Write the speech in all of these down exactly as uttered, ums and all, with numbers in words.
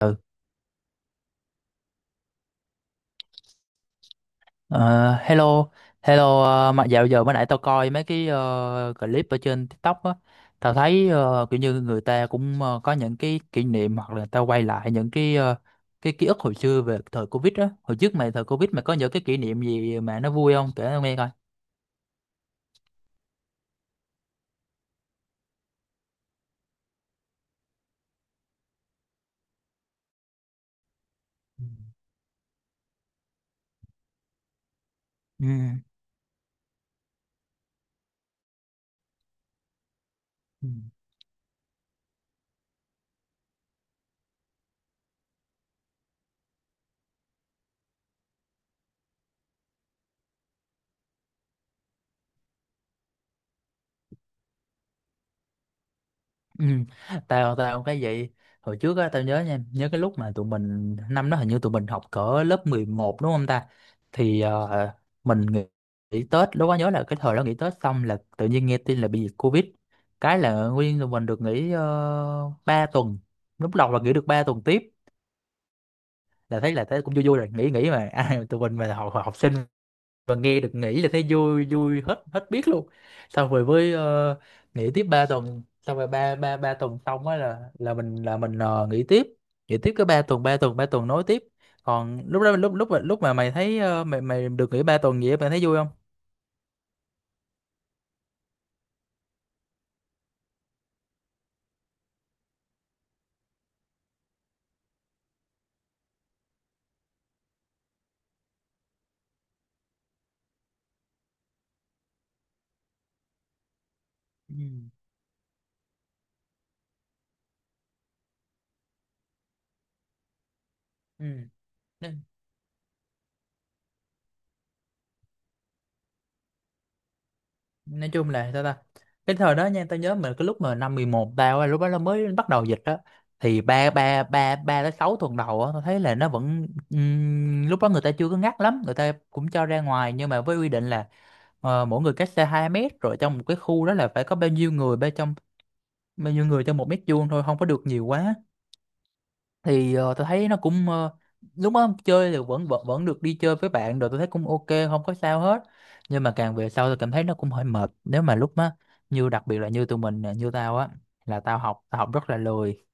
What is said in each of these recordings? Ừ. Ờ, hello hello, ờ, mà dạo giờ mới nãy tao coi mấy cái ờ, clip ở trên TikTok á. Tao thấy ờ, kiểu như người ta cũng ờ, có những cái kỷ niệm hoặc là tao quay lại những cái ờ, cái ký ức hồi xưa về thời Covid á. Hồi trước mày thời Covid mày có những cái kỷ niệm gì mà nó vui không kể tao nghe coi. Ừ. Ừ. Ừ. Tao tao cũng cái vậy, hồi trước á tao nhớ nha, nhớ cái lúc mà tụi mình năm đó hình như tụi mình học cỡ lớp mười một đúng không ta, thì ờ, mình nghỉ, nghỉ Tết. Lúc đó nhớ là cái thời đó nghỉ Tết xong là tự nhiên nghe tin là bị dịch Covid, cái là nguyên tụi mình được nghỉ uh, ba tuần. Lúc đầu là nghỉ được ba tuần tiếp là thấy là thấy cũng vui vui, rồi nghỉ nghỉ mà ai mà tụi mình mà học học sinh và nghe được nghĩ là thấy vui vui hết hết biết luôn. Xong rồi với ờ, nghỉ tiếp ba tuần, xong rồi ba ba ba tuần xong á là là mình là mình ờ, nghỉ tiếp, nghỉ tiếp cái ba tuần, ba tuần ba tuần nối tiếp. Còn lúc đó lúc lúc mà- lúc mà mày thấy ờ, mày mày được nghỉ ba tuần gì á, mày thấy vui không? Ừ. Ừ. Nói chung là sao ta, cái thời đó nha tao nhớ mình cái lúc mà năm mười một, tao á, lúc đó nó mới bắt đầu dịch đó, thì ba ba ba ba tới sáu tuần đầu á tao thấy là nó vẫn ừm, lúc đó người ta chưa có ngắt lắm, người ta cũng cho ra ngoài nhưng mà với quy định là ờ, mỗi người cách xa hai mét, rồi trong một cái khu đó là phải có bao nhiêu người bên trong, bao nhiêu người trong một mét vuông thôi, không có được nhiều quá. Thì ờ, tôi thấy nó cũng ờ, lúc đó chơi thì vẫn vẫn vẫn được đi chơi với bạn, rồi tôi thấy cũng ok không có sao hết. Nhưng mà càng về sau tôi cảm thấy nó cũng hơi mệt, nếu mà lúc đó như đặc biệt là như tụi mình nè, như tao á, là tao học, tao học rất là lười,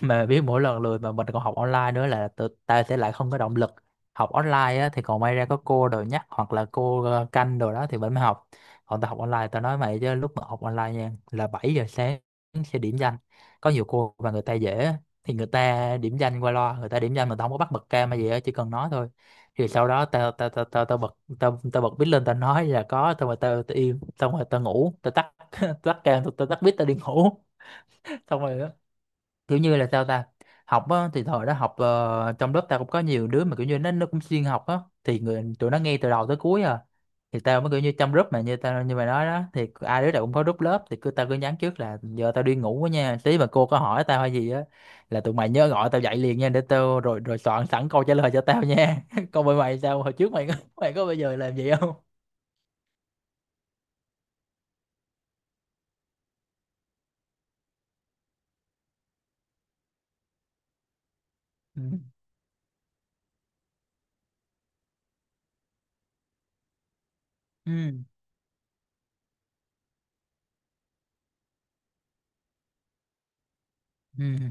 mà biết mỗi lần lười mà mình còn học online nữa là tự, ta sẽ lại không có động lực. Học online á, thì còn may ra có cô đồ nhắc hoặc là cô ờ, canh đồ đó thì vẫn mới học. Còn ta học online ta nói mày chứ lúc mà học online nha là bảy giờ sáng sẽ điểm danh. Có nhiều cô mà người ta dễ á, thì người ta điểm danh qua loa, người ta điểm danh mà tao không có bắt bật cam hay gì á, chỉ cần nói thôi. Thì sau đó tao tao tao tao tao bật, tao tao bật bít lên, tao nói là có, xong rồi tao tao im, xong rồi tao ngủ, tao tắt tắt cam, tao tao tắt bít, tao đi ngủ. Xong rồi kiểu như là sao ta, học á thì thời đó học ờ, trong lớp tao cũng có nhiều đứa mà kiểu như nó nó cũng xuyên học á thì người tụi nó nghe từ đầu tới cuối à. Thì tao mới kiểu như trong group mà như tao như mày nói đó, thì ai đứa nào cũng có group lớp, thì cứ tao cứ nhắn trước là giờ tao đi ngủ quá nha, tí mà cô có hỏi tao hay gì á là tụi mày nhớ gọi tao dậy liền nha, để tao rồi rồi soạn sẵn câu trả lời cho tao nha. Còn bên mày sao, hồi trước mày có mày có bao giờ làm vậy không? Ừ. Ừ. Ừ.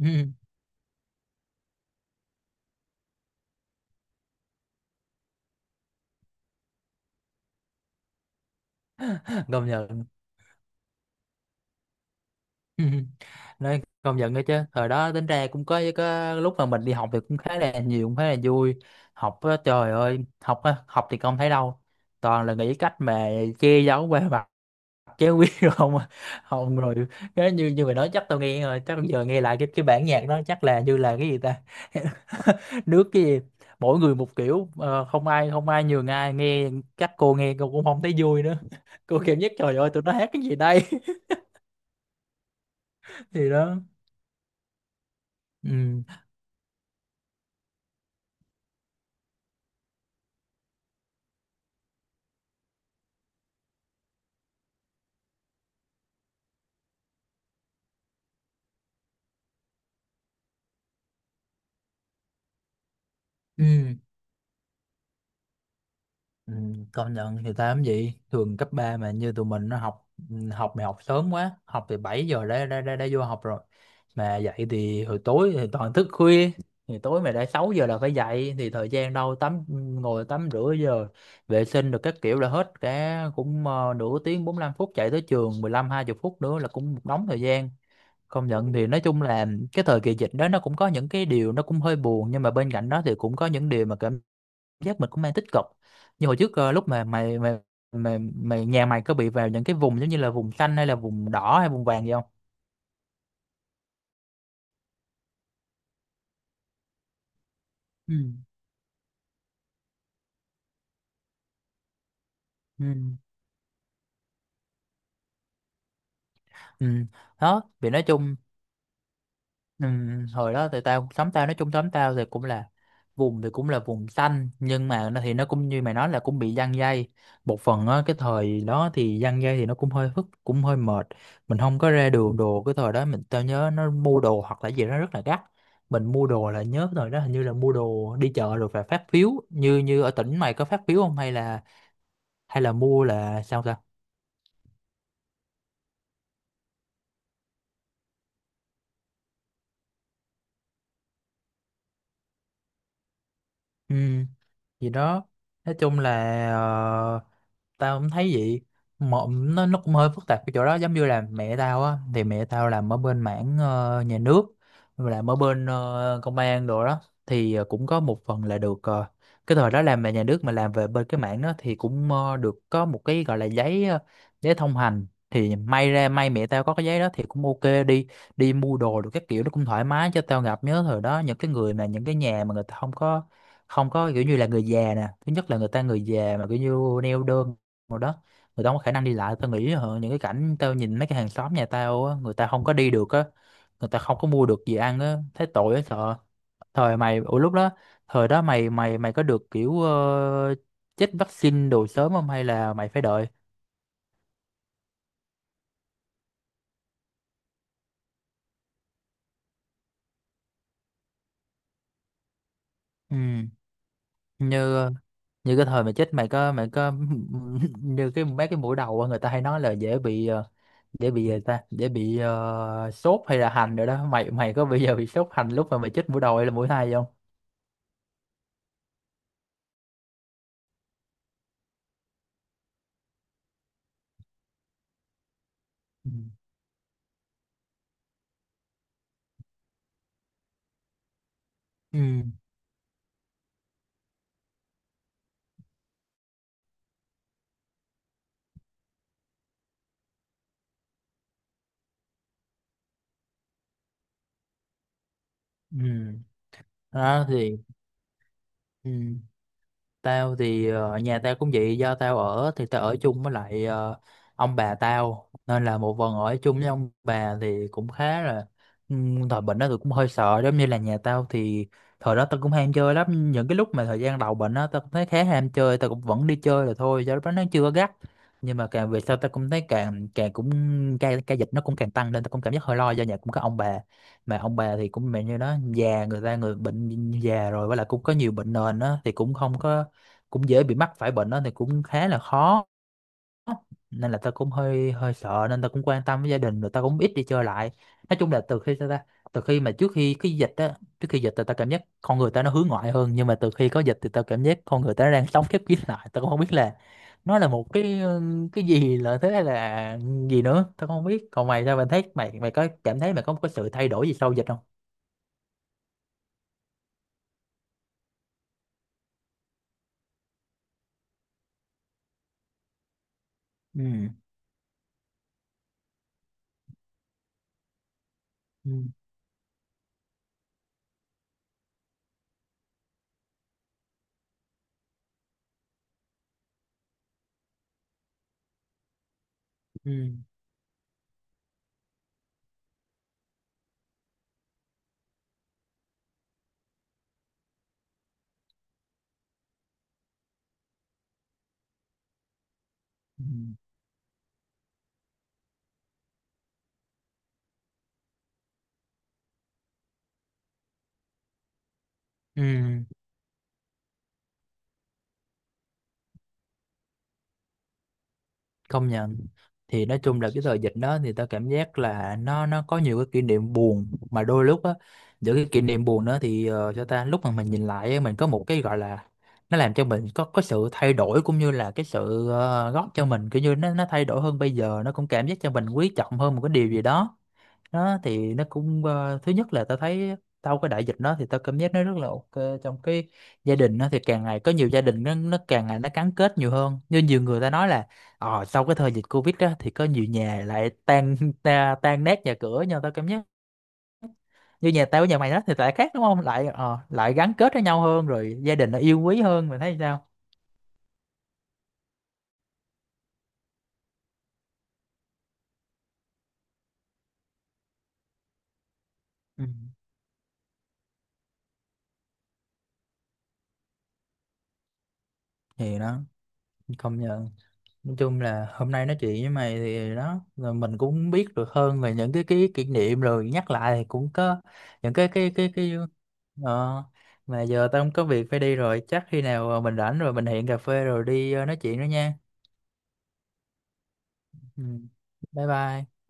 Ừ. Công nhận. Nói công nhận đó chứ thời đó tính ra cũng có có lúc mà mình đi học thì cũng khá là nhiều, cũng khá là vui. Học á, trời ơi học á, học thì không thấy đâu, toàn là nghĩ cách mà che giấu qua mặt chế quý rồi không à. Không rồi, cái như như mày nói chắc tao nghe rồi, chắc giờ nghe lại cái cái bản nhạc đó chắc là như là cái gì ta, nước cái gì, mỗi người một kiểu ờ, không ai không ai nhường ai nghe. Chắc cô nghe cô cũng không thấy vui nữa, cô cảm nhất trời ơi tụi nó hát cái gì đây. Thì đó. Ừ. Ừ. Ừ, công nhận thì tám gì thường cấp ba mà như tụi mình nó học, học mày học sớm quá, học từ bảy giờ đã, đã, đã, đã vô học rồi, mà dậy thì hồi tối thì toàn thức khuya, thì tối mày đã sáu giờ là phải dậy thì thời gian đâu tắm, ngồi tắm rửa giờ vệ sinh được các kiểu là hết cả cũng ờ, nửa tiếng bốn mươi lăm phút, chạy tới trường mười lăm hai 20 phút nữa là cũng một đống thời gian. Công nhận thì nói chung là cái thời kỳ dịch đó nó cũng có những cái điều nó cũng hơi buồn, nhưng mà bên cạnh đó thì cũng có những điều mà cảm giác mình cũng đang tích cực. Như hồi trước ờ, lúc mà mày mày mày mày nhà mày có bị vào những cái vùng giống như là vùng xanh hay là vùng đỏ hay vùng vàng gì không? Ừ. Ừ. Ừ. Đó vì nói chung, ừ, hồi đó thì tao xóm tao nói chung xóm tao thì cũng là vùng thì cũng là vùng xanh, nhưng mà nó thì nó cũng như mày nói là cũng bị giăng dây một phần á. Cái thời đó thì giăng dây thì nó cũng hơi phức, cũng hơi mệt, mình không có ra đường đồ. Cái thời đó mình tao nhớ nó mua đồ hoặc là gì đó rất là gắt, mình mua đồ là nhớ cái thời đó hình như là mua đồ đi chợ rồi phải phát phiếu, như như ở tỉnh mày có phát phiếu không hay là hay là mua là sao ta? Ừ, gì đó nói chung là ờ, tao cũng thấy vậy. Một nó nó cũng hơi phức tạp cái chỗ đó, giống như là mẹ tao á, thì mẹ tao làm ở bên mảng ờ, nhà nước, làm ở bên ờ, công an đồ đó. Thì ờ, cũng có một phần là được ờ, cái thời đó làm về nhà nước mà làm về bên cái mảng đó thì cũng ờ, được có một cái gọi là giấy ờ, giấy thông hành, thì may ra may mẹ tao có cái giấy đó thì cũng ok đi, đi mua đồ được các kiểu, nó cũng thoải mái cho tao. Gặp nhớ thời đó những cái người mà những cái nhà mà người ta không có, không có kiểu như là người già nè, thứ nhất là người ta người già mà kiểu như neo đơn rồi đó, người ta không có khả năng đi lại, tao nghĩ hả, những cái cảnh tao nhìn mấy cái hàng xóm nhà tao á, người ta không có đi được á, người ta không có mua được gì ăn á, thấy tội á sợ. Thời mày ủa lúc đó, thời đó mày mày mày có được kiểu ờ, chích vaccine đồ sớm không hay là mày phải đợi? Ừ, như ờ, như cái thời mày chết mày có mày có như cái mấy cái mũi đầu á, người ta hay nói là dễ bị ờ, dễ bị gì ta, dễ bị ờ, sốt hay là hành rồi đó, mày mày có bây giờ bị sốt hành lúc mà mày chết mũi đầu hay là mũi hai không? Ừ. Ừ. Đó thì, ừ. Tao thì ờ, nhà tao cũng vậy, do tao ở thì tao ở chung với lại ờ, ông bà tao, nên là một phần ở chung với ông bà thì cũng khá là ừm, thời bệnh đó tôi cũng hơi sợ. Giống như là nhà tao thì thời đó tao cũng ham chơi lắm, những cái lúc mà thời gian đầu bệnh đó tao cũng thấy khá ham chơi, tao cũng vẫn đi chơi là thôi do lúc đó nó chưa có gắt. Nhưng mà càng về sau tao cũng thấy càng càng cũng ca ca dịch nó cũng càng tăng nên tao cũng cảm giác hơi lo, do nhà cũng có ông bà, mà ông bà thì cũng mẹ như đó già, người ta người bệnh già rồi với lại cũng có nhiều bệnh nền á, thì cũng không có, cũng dễ bị mắc phải bệnh đó thì cũng khá là khó. Nên là ta cũng hơi hơi sợ, nên ta cũng quan tâm với gia đình rồi ta cũng ít đi chơi lại. Nói chung là từ khi ta ta- từ khi mà trước khi cái dịch á, trước khi dịch thì ta cảm giác con người ta nó hướng ngoại hơn, nhưng mà từ khi có dịch thì ta cảm giác con người ta nó đang sống khép kín lại. Ta cũng không biết là nó là một cái ừ, cái gì là thế hay là gì nữa ta cũng không biết. Còn mày sao, mày thấy mày mày có cảm thấy mày có một cái sự thay đổi gì sau dịch không? Ừ. Ừ. Ừ. Ừ. Ừ. Công nhận thì nói chung là cái thời dịch đó thì tao cảm giác là nó nó có nhiều cái kỷ niệm buồn, mà đôi lúc á giữa cái kỷ niệm buồn đó thì ờ, cho ta lúc mà mình nhìn lại á, mình có một cái gọi là nó làm cho mình có có sự thay đổi, cũng như là cái sự ờ, góp cho mình kiểu như nó nó thay đổi hơn, bây giờ nó cũng cảm giác cho mình quý trọng hơn một cái điều gì đó. Nó thì nó cũng ờ, thứ nhất là tao thấy sau cái đại dịch đó thì tao cảm giác nó rất là ok trong cái gia đình. Nó thì càng ngày có nhiều gia đình nó nó càng ngày nó gắn kết nhiều hơn, như nhiều người ta nói là ờ sau cái thời dịch Covid đó thì có nhiều nhà lại tan ta, tan nát nhà cửa. Nhưng mà tao cảm giác như nhà tao với nhà mày đó thì lại khác đúng không, lại ờ, lại gắn kết với nhau hơn rồi gia đình nó yêu quý hơn, mày thấy sao? Ừ. Thì đó, công nhận, nói chung là hôm nay nói chuyện với mày thì đó rồi mình cũng biết được hơn về những cái cái kỷ niệm, rồi nhắc lại thì cũng có những cái cái cái cái ờ, mà giờ tao không có việc phải đi rồi, chắc khi nào mình rảnh rồi mình hẹn cà phê rồi đi ờ, nói chuyện nữa nha. Ừ. Bye bye.